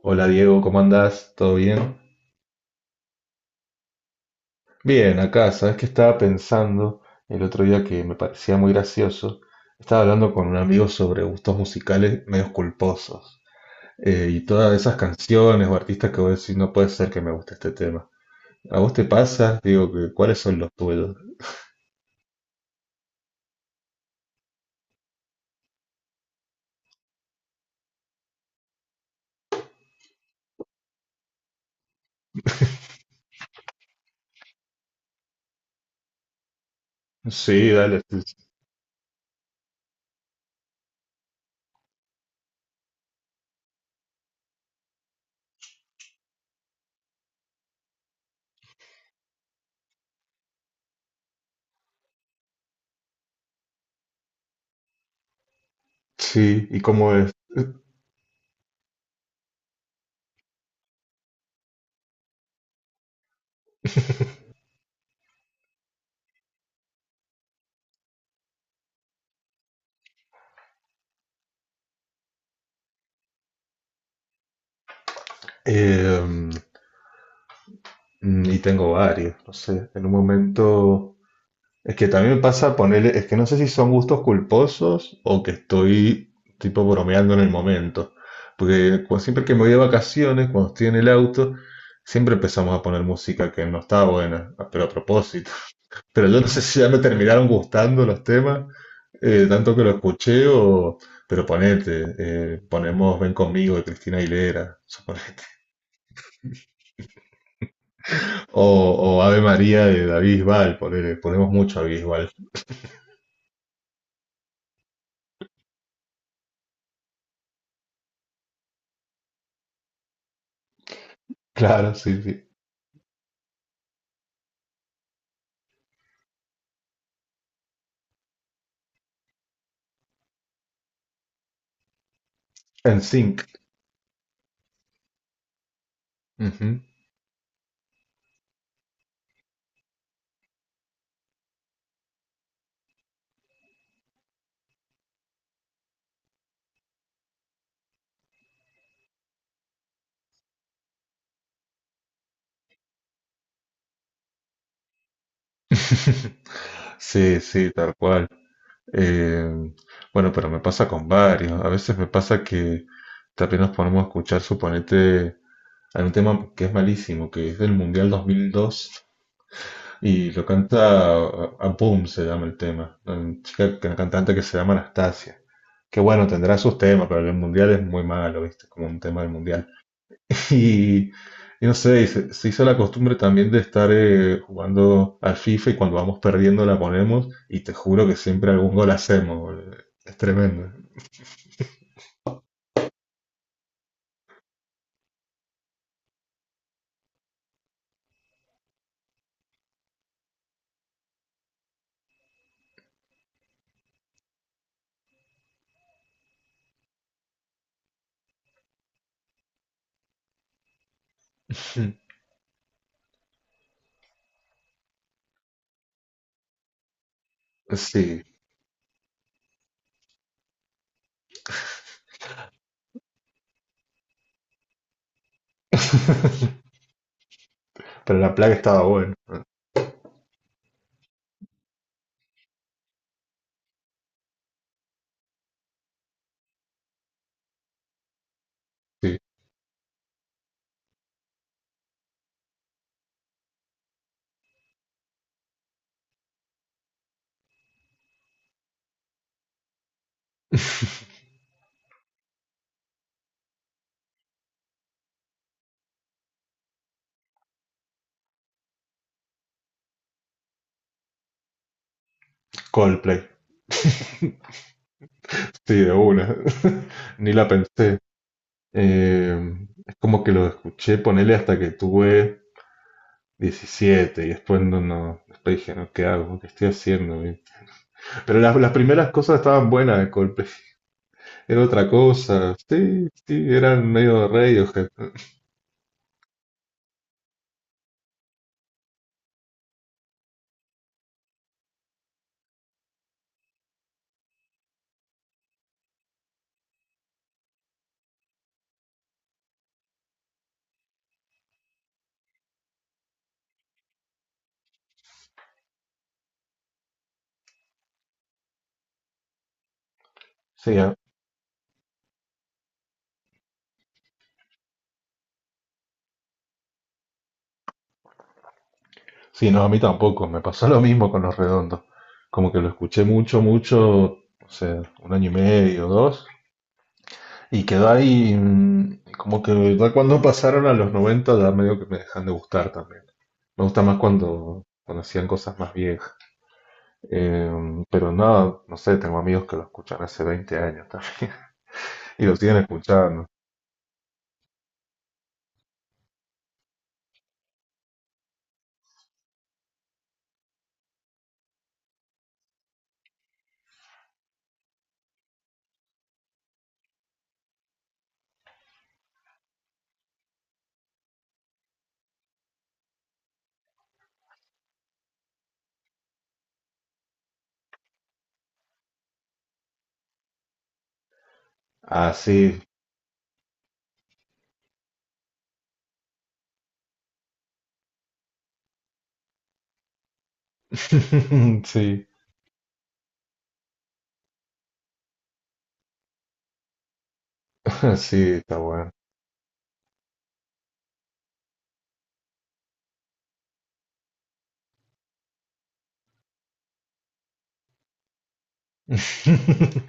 Hola Diego, ¿cómo andás? ¿Todo bien? Bien, acá, sabes que estaba pensando el otro día que me parecía muy gracioso. Estaba hablando con un amigo sobre gustos musicales medios culposos y todas esas canciones o artistas que voy a decir, no puede ser que me guste este tema. ¿A vos te pasa? Digo, ¿cuáles son los tuyos? Sí, dale. Sí, sí. ¿Y cómo es? Eh, y tengo varios, no sé. En un momento. Es que también me pasa ponerle, es que no sé si son gustos culposos o que estoy tipo bromeando en el momento. Porque siempre que me voy de vacaciones, cuando estoy en el auto, siempre empezamos a poner música que no está buena, ah, pero a propósito. Pero yo no sé si ya me terminaron gustando los temas, tanto que lo escuché o... Pero ponete, ponemos Ven conmigo de Cristina Aguilera, suponete. O, o Ave María de David Bisbal, ponele, ponemos mucho a Bisbal. Claro, sí, sí. En sync. Ujú. Sí, sí, tal cual. Eh, bueno, pero me pasa con varios. A veces me pasa que también nos ponemos a escuchar, suponete, hay un tema que es malísimo, que es del Mundial 2002 y lo canta a Boom, se llama el tema. Una chica, una cantante que se llama Anastasia. Que bueno, tendrá sus temas, pero el Mundial es muy malo, ¿viste? Como un tema del Mundial. Y, y no sé, se hizo la costumbre también de estar jugando al FIFA y cuando vamos perdiendo la ponemos y te juro que siempre algún gol hacemos, boludo. Es tremendo. Sí. Pero la plaga estaba buena. Sí. Coldplay. Sí, de una. Ni la pensé. Es como que lo escuché ponerle hasta que tuve 17 y después no, no, después dije, no, ¿qué hago? ¿Qué estoy haciendo? ¿Viste? Pero las primeras cosas estaban buenas de Coldplay. Era otra cosa. Sí, sí, eran medio Radiohead. Sí, a- sí, no, a mí tampoco. Me pasó lo mismo con Los Redondos. Como que lo escuché mucho, mucho, o sea un año y medio, dos. Y quedó ahí, mm, como que ya cuando pasaron a los 90 ya medio que me dejan de gustar también. Me gusta más cuando, cuando hacían cosas más viejas. Eh, pero no, no sé, tengo amigos que lo escuchan hace 20 años también. Y lo siguen escuchando. Ah, sí. Sí, sí, está bueno.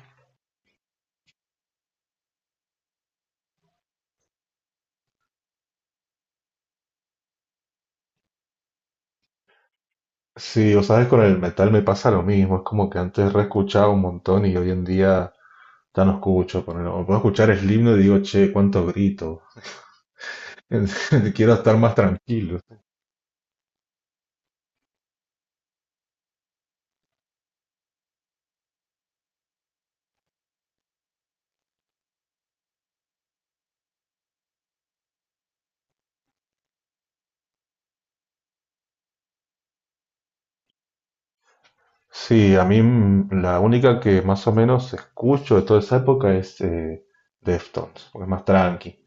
Sí, o sabes, con el metal me pasa lo mismo. Es como que antes re escuchaba un montón y hoy en día ya no escucho, ponele. O puedo escuchar Slipknot y digo, che, cuánto grito. Quiero estar más tranquilo. Sí, a mí mm, la única que más o menos escucho de toda esa época es Deftones, porque es más tranqui,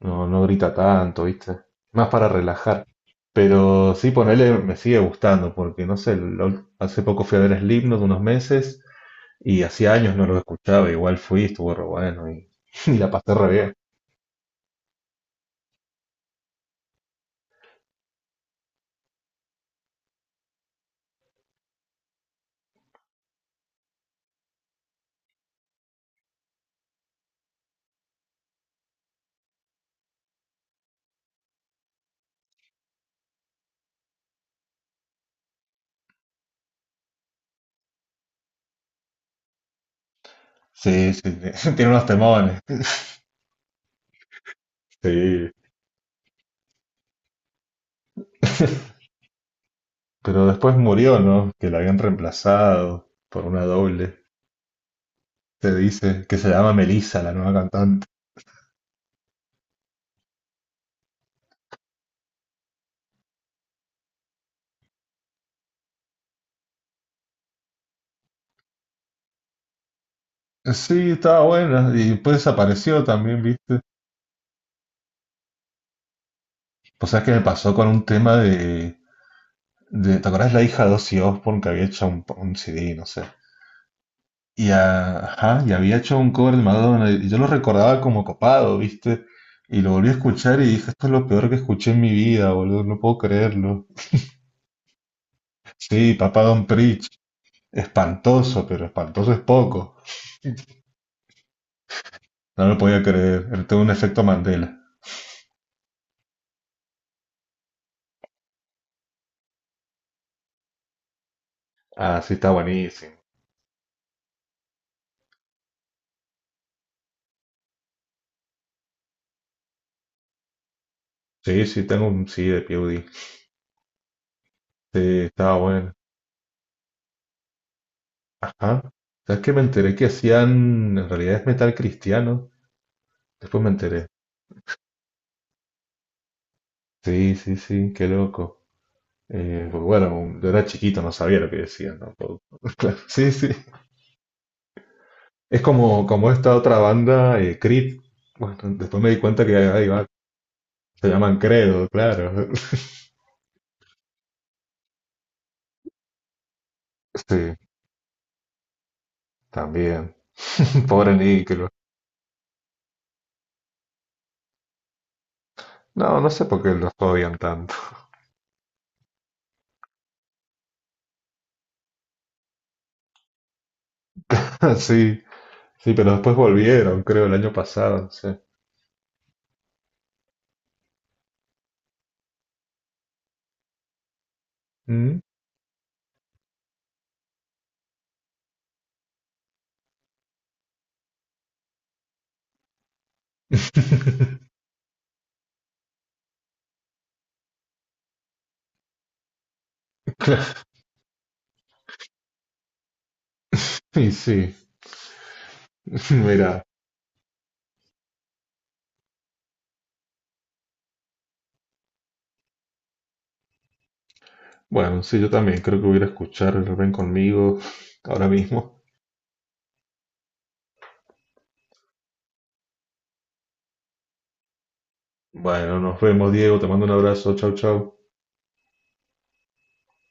no, no grita tanto, ¿viste? Más para relajar. Pero sí, ponele, me sigue gustando, porque no sé, hace poco fui a ver Slipknot unos meses. Y hacía años no lo escuchaba, igual fui, estuvo re bueno y, y la pasé re bien. Sí, sí, tiene unos temones. Sí. Pero después murió, ¿no? Que la habían reemplazado por una doble. Se dice que se llama Melissa, la nueva cantante. Sí, estaba buena. Y después desapareció también, ¿viste? Pues sabes que me pasó con un tema de ¿te acordás la hija de Ozzy Osbourne que había hecho un CD, no sé? Y, ajá, y había hecho un cover de Madonna y yo lo recordaba como copado, ¿viste? Y lo volví a escuchar y dije, esto es lo peor que escuché en mi vida, boludo, no puedo creerlo. Sí, papá Don Preach, espantoso, pero espantoso es poco. No lo podía creer, él tuvo un efecto Mandela. Ah, sí, está buenísimo. Sí, sí, tengo un sí de PewDie. Sí, estaba bueno. Ajá. ¿Sabes que me enteré que hacían, en realidad es metal cristiano? Después me enteré. Sí, sí, sí, qué loco. Porque bueno, yo era chiquito, no sabía lo que decían tampoco. Claro, sí, sí. Es como, como esta otra banda, Creed. Bueno, después me di cuenta que ahí va, se llaman Credo, claro. Sí, también. Pobre Nickelback. No, no sé por qué los odian tanto. Sí, sí, pero después volvieron, creo, el año pasado. Sí. ¿Mm? Claro, y sí. Mira, bueno, sí, yo también creo que voy a ir a escuchar el Ven conmigo ahora mismo. Bueno, nos vemos, Diego. Te mando un abrazo. Chau, chau.